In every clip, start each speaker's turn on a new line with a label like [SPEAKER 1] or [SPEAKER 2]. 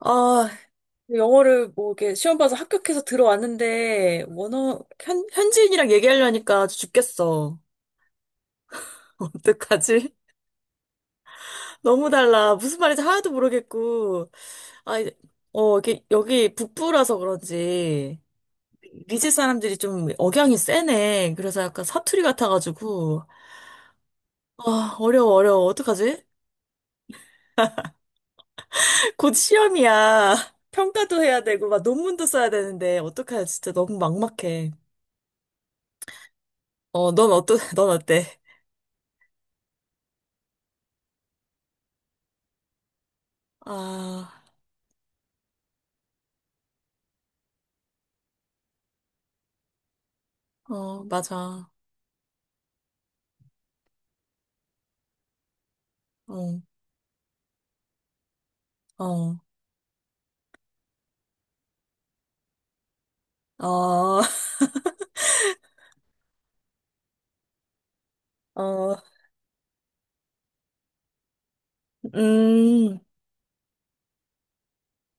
[SPEAKER 1] 아, 영어를 뭐 이렇게 시험 봐서 합격해서 들어왔는데, 현지인이랑 얘기하려니까 아주 죽겠어. 어떡하지? 너무 달라. 무슨 말인지 하나도 모르겠고. 아, 이제- 이게 여기 북부라서 그런지, 리즈 사람들이 좀 억양이 세네. 그래서 약간 사투리 같아가지고, 어려워, 어려워. 어떡하지? 곧 시험이야. 평가도 해야 되고, 막 논문도 써야 되는데, 어떡하지? 진짜 너무 막막해. 넌 어때? 아. 맞아. 어, 어, 어, 어, 음,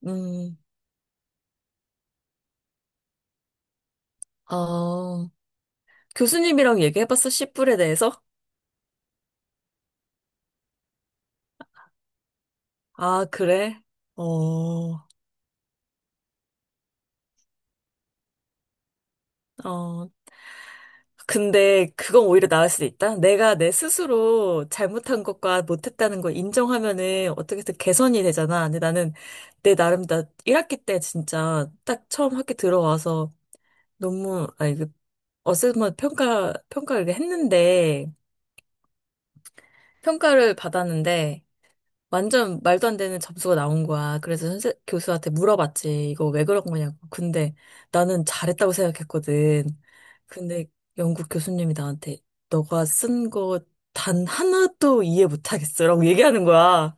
[SPEAKER 1] 음, 어. 교수님이랑 얘기해봤어, 씨뿔에 대해서? 아, 그래? 어, 어. 근데 그건 오히려 나을 수도 있다. 내가 내 스스로 잘못한 것과 못했다는 걸 인정하면은 어떻게든 개선이 되잖아. 근데 나는 내 나름 나 1학기 때 진짜 딱 처음 학기 들어와서 너무, 아니, 그 어세스먼트 평가를 했는데, 평가를 받았는데 완전 말도 안 되는 점수가 나온 거야. 그래서 선생 교수한테 물어봤지. 이거 왜 그런 거냐고. 근데 나는 잘했다고 생각했거든. 근데 영국 교수님이 나한테 너가 쓴 거 단 하나도 이해 못하겠어라고 얘기하는 거야.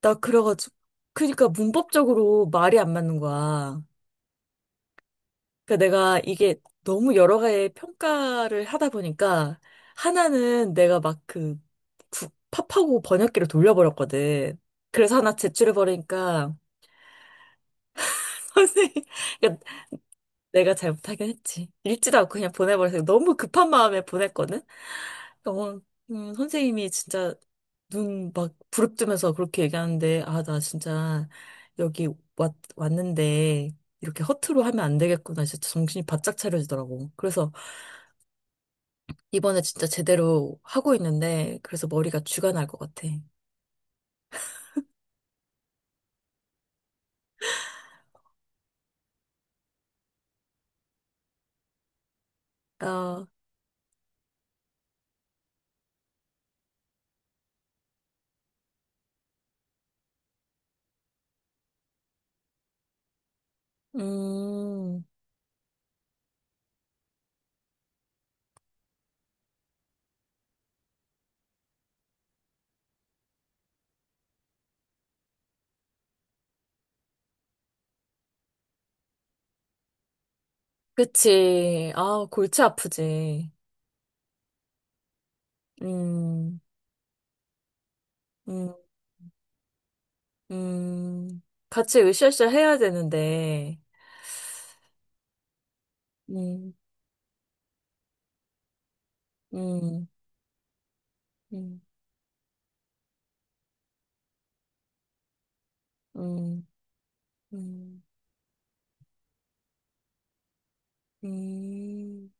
[SPEAKER 1] 나 그래가지고 그러니까 문법적으로 말이 안 맞는 거야. 그러니까 내가 이게 너무 여러 가지 평가를 하다 보니까 하나는 내가 막 그 팝하고 번역기를 돌려버렸거든. 그래서 하나 제출해버리니까 선생님, 그러니까 내가 잘못하긴 했지. 읽지도 않고 그냥 보내버려서 너무 급한 마음에 보냈거든. 어, 선생님이 진짜 눈 막 부릅뜨면서 그렇게 얘기하는데, 아, 나 진짜 여기 왔는데, 이렇게 허투루 하면 안 되겠구나. 진짜 정신이 바짝 차려지더라고. 그래서, 이번에 진짜 제대로 하고 있는데, 그래서 머리가 쥐가 날 것 같아. 아, 음, 그치. 아, 골치 아프지. 음, 음, 음. 같이 으쌰으쌰 해야 되는데, 음, 음, 음, 음, 음, 음,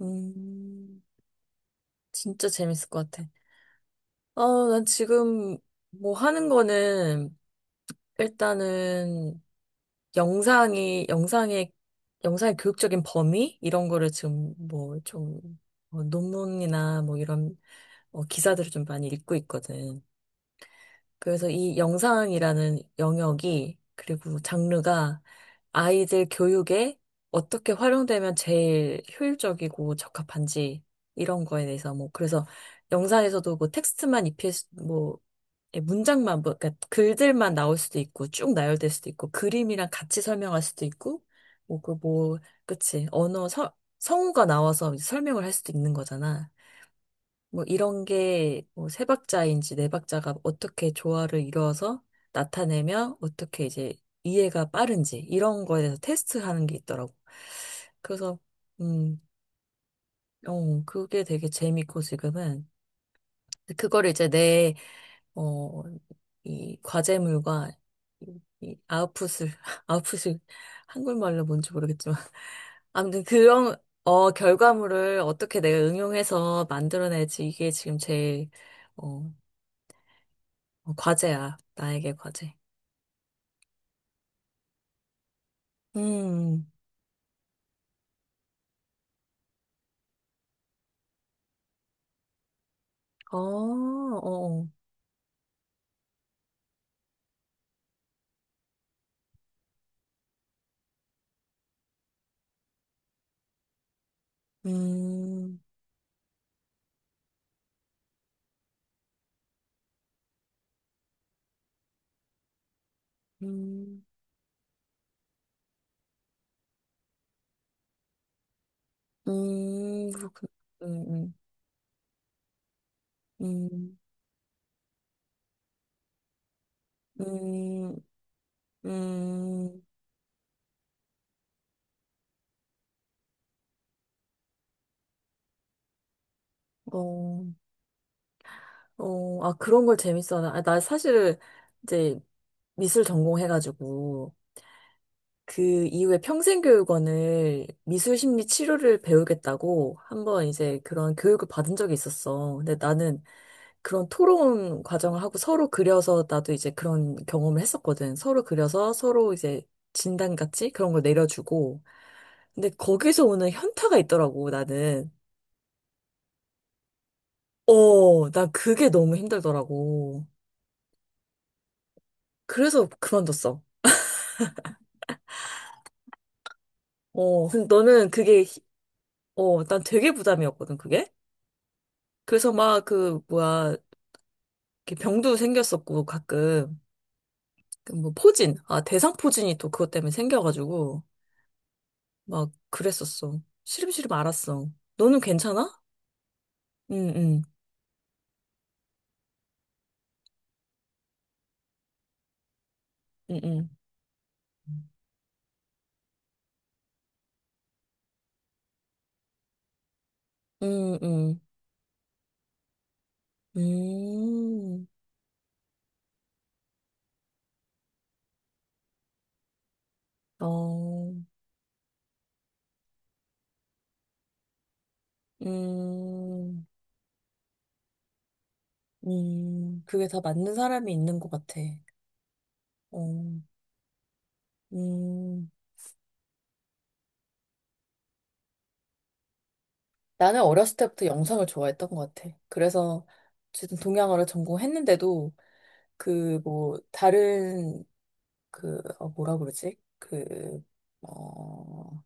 [SPEAKER 1] 음. 진짜 재밌을 것 같아. 아, 난 지금 뭐 하는 거는 일단은 영상이, 영상의, 영상의 교육적인 범위? 이런 거를 지금 뭐 좀, 논문이나 뭐 이런 기사들을 좀 많이 읽고 있거든. 그래서 이 영상이라는 영역이, 그리고 장르가 아이들 교육에 어떻게 활용되면 제일 효율적이고 적합한지, 이런 거에 대해서 뭐, 그래서 영상에서도 뭐 뭐, 예, 문장만, 뭐, 그러니까 글들만 나올 수도 있고, 쭉 나열될 수도 있고, 그림이랑 같이 설명할 수도 있고, 뭐, 그, 뭐, 그치. 성우가 나와서 이제 설명을 할 수도 있는 거잖아. 뭐, 이런 게, 뭐, 세 박자인지 네 박자가 어떻게 조화를 이루어서 나타내면 어떻게 이제 이해가 빠른지, 이런 거에 대해서 테스트 하는 게 있더라고. 그래서, 음, 어, 그게 되게 재밌고, 지금은. 그거를 이제 내 어, 이 과제물과 이 아웃풋을, 아웃풋이 한글말로 뭔지 모르겠지만. 아무튼 그런, 어, 결과물을 어떻게 내가 응용해서 만들어내지. 이게 지금 제일, 어, 과제야. 나에게 과제. 음, 어, 어, 어. 음, 음, 그렇군. 음, 음, 음, 음, 음, 어. 그런 걸 재밌어하나? 아, 나 사실 이제 미술 전공해가지고 그 이후에 평생교육원을 미술심리 치료를 배우겠다고 한번 이제 그런 교육을 받은 적이 있었어. 근데 나는 그런 토론 과정을 하고 서로 그려서 나도 이제 그런 경험을 했었거든. 서로 그려서 서로 이제 진단같이 그런 걸 내려주고. 근데 거기서 오는 현타가 있더라고, 나는. 어, 난 그게 너무 힘들더라고. 그래서 그만뒀어. 어, 근데 너는 그게. 어, 난 되게 부담이었거든, 그게. 그래서 막 그, 뭐야, 이렇게 병도 생겼었고, 가끔. 그 뭐, 포진. 아, 대상 포진이 또 그것 때문에 생겨가지고, 막 그랬었어. 시름시름 알았어. 너는 괜찮아? 응, 응, 응, 응. 응, 응. 음, 어, 음, 그게 다 맞는 사람이 있는 것 같아. 어, 음. 나는 어렸을 때부터 영상을 좋아했던 것 같아. 그래서 어쨌든 동양어를 전공했는데도 그 뭐 다른 그 뭐라 그러지? 그 어,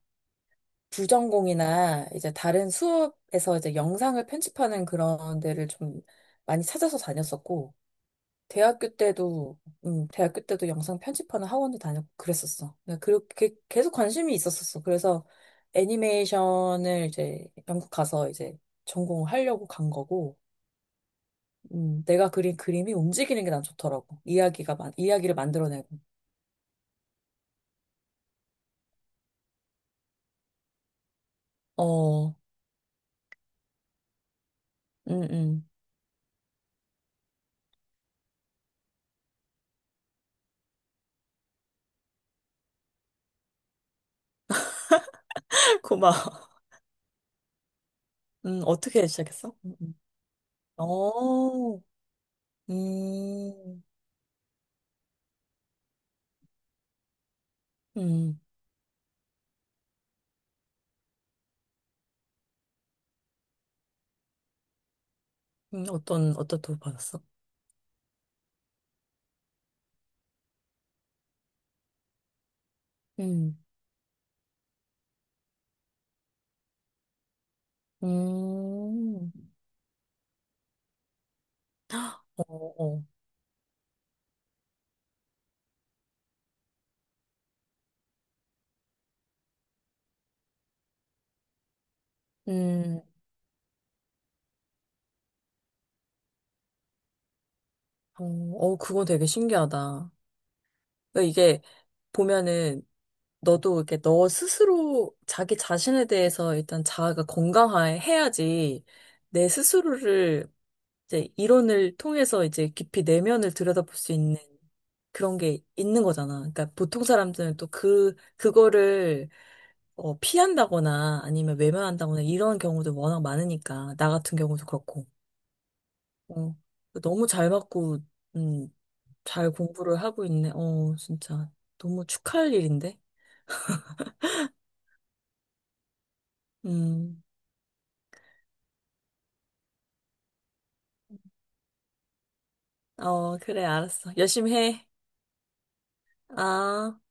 [SPEAKER 1] 부전공이나 이제 다른 수업에서 이제 영상을 편집하는 그런 데를 좀 많이 찾아서 다녔었고 대학교 때도, 대학교 때도 영상 편집하는 학원도 다녔고 그랬었어. 네, 그렇게 계속 관심이 있었었어. 그래서 애니메이션을 이제 영국 가서 이제 전공을 하려고 간 거고, 내가 그린 그림이 움직이는 게 난 좋더라고. 이야기를 만들어내고. 어, 음. 고마워. 어떻게 시작했어? 어, 음, 음, 어떤 도움 받았어? 음, 음, 어, 어. 음. 어, 어, 그건 되게 신기하다. 그러니까 이게 보면은 너도 이렇게 너 스스로 자기 자신에 대해서 일단 자아가 건강해야지 내 스스로를 이제 이론을 통해서 이제 깊이 내면을 들여다볼 수 있는 그런 게 있는 거잖아. 그러니까 보통 사람들은 또 그, 그거를 피한다거나 아니면 외면한다거나 이런 경우도 워낙 많으니까. 나 같은 경우도 그렇고. 어, 너무 잘 맞고, 음, 잘 공부를 하고 있네. 어, 진짜. 너무 축하할 일인데? 음. 어, 그래, 알았어. 열심히 해. 아.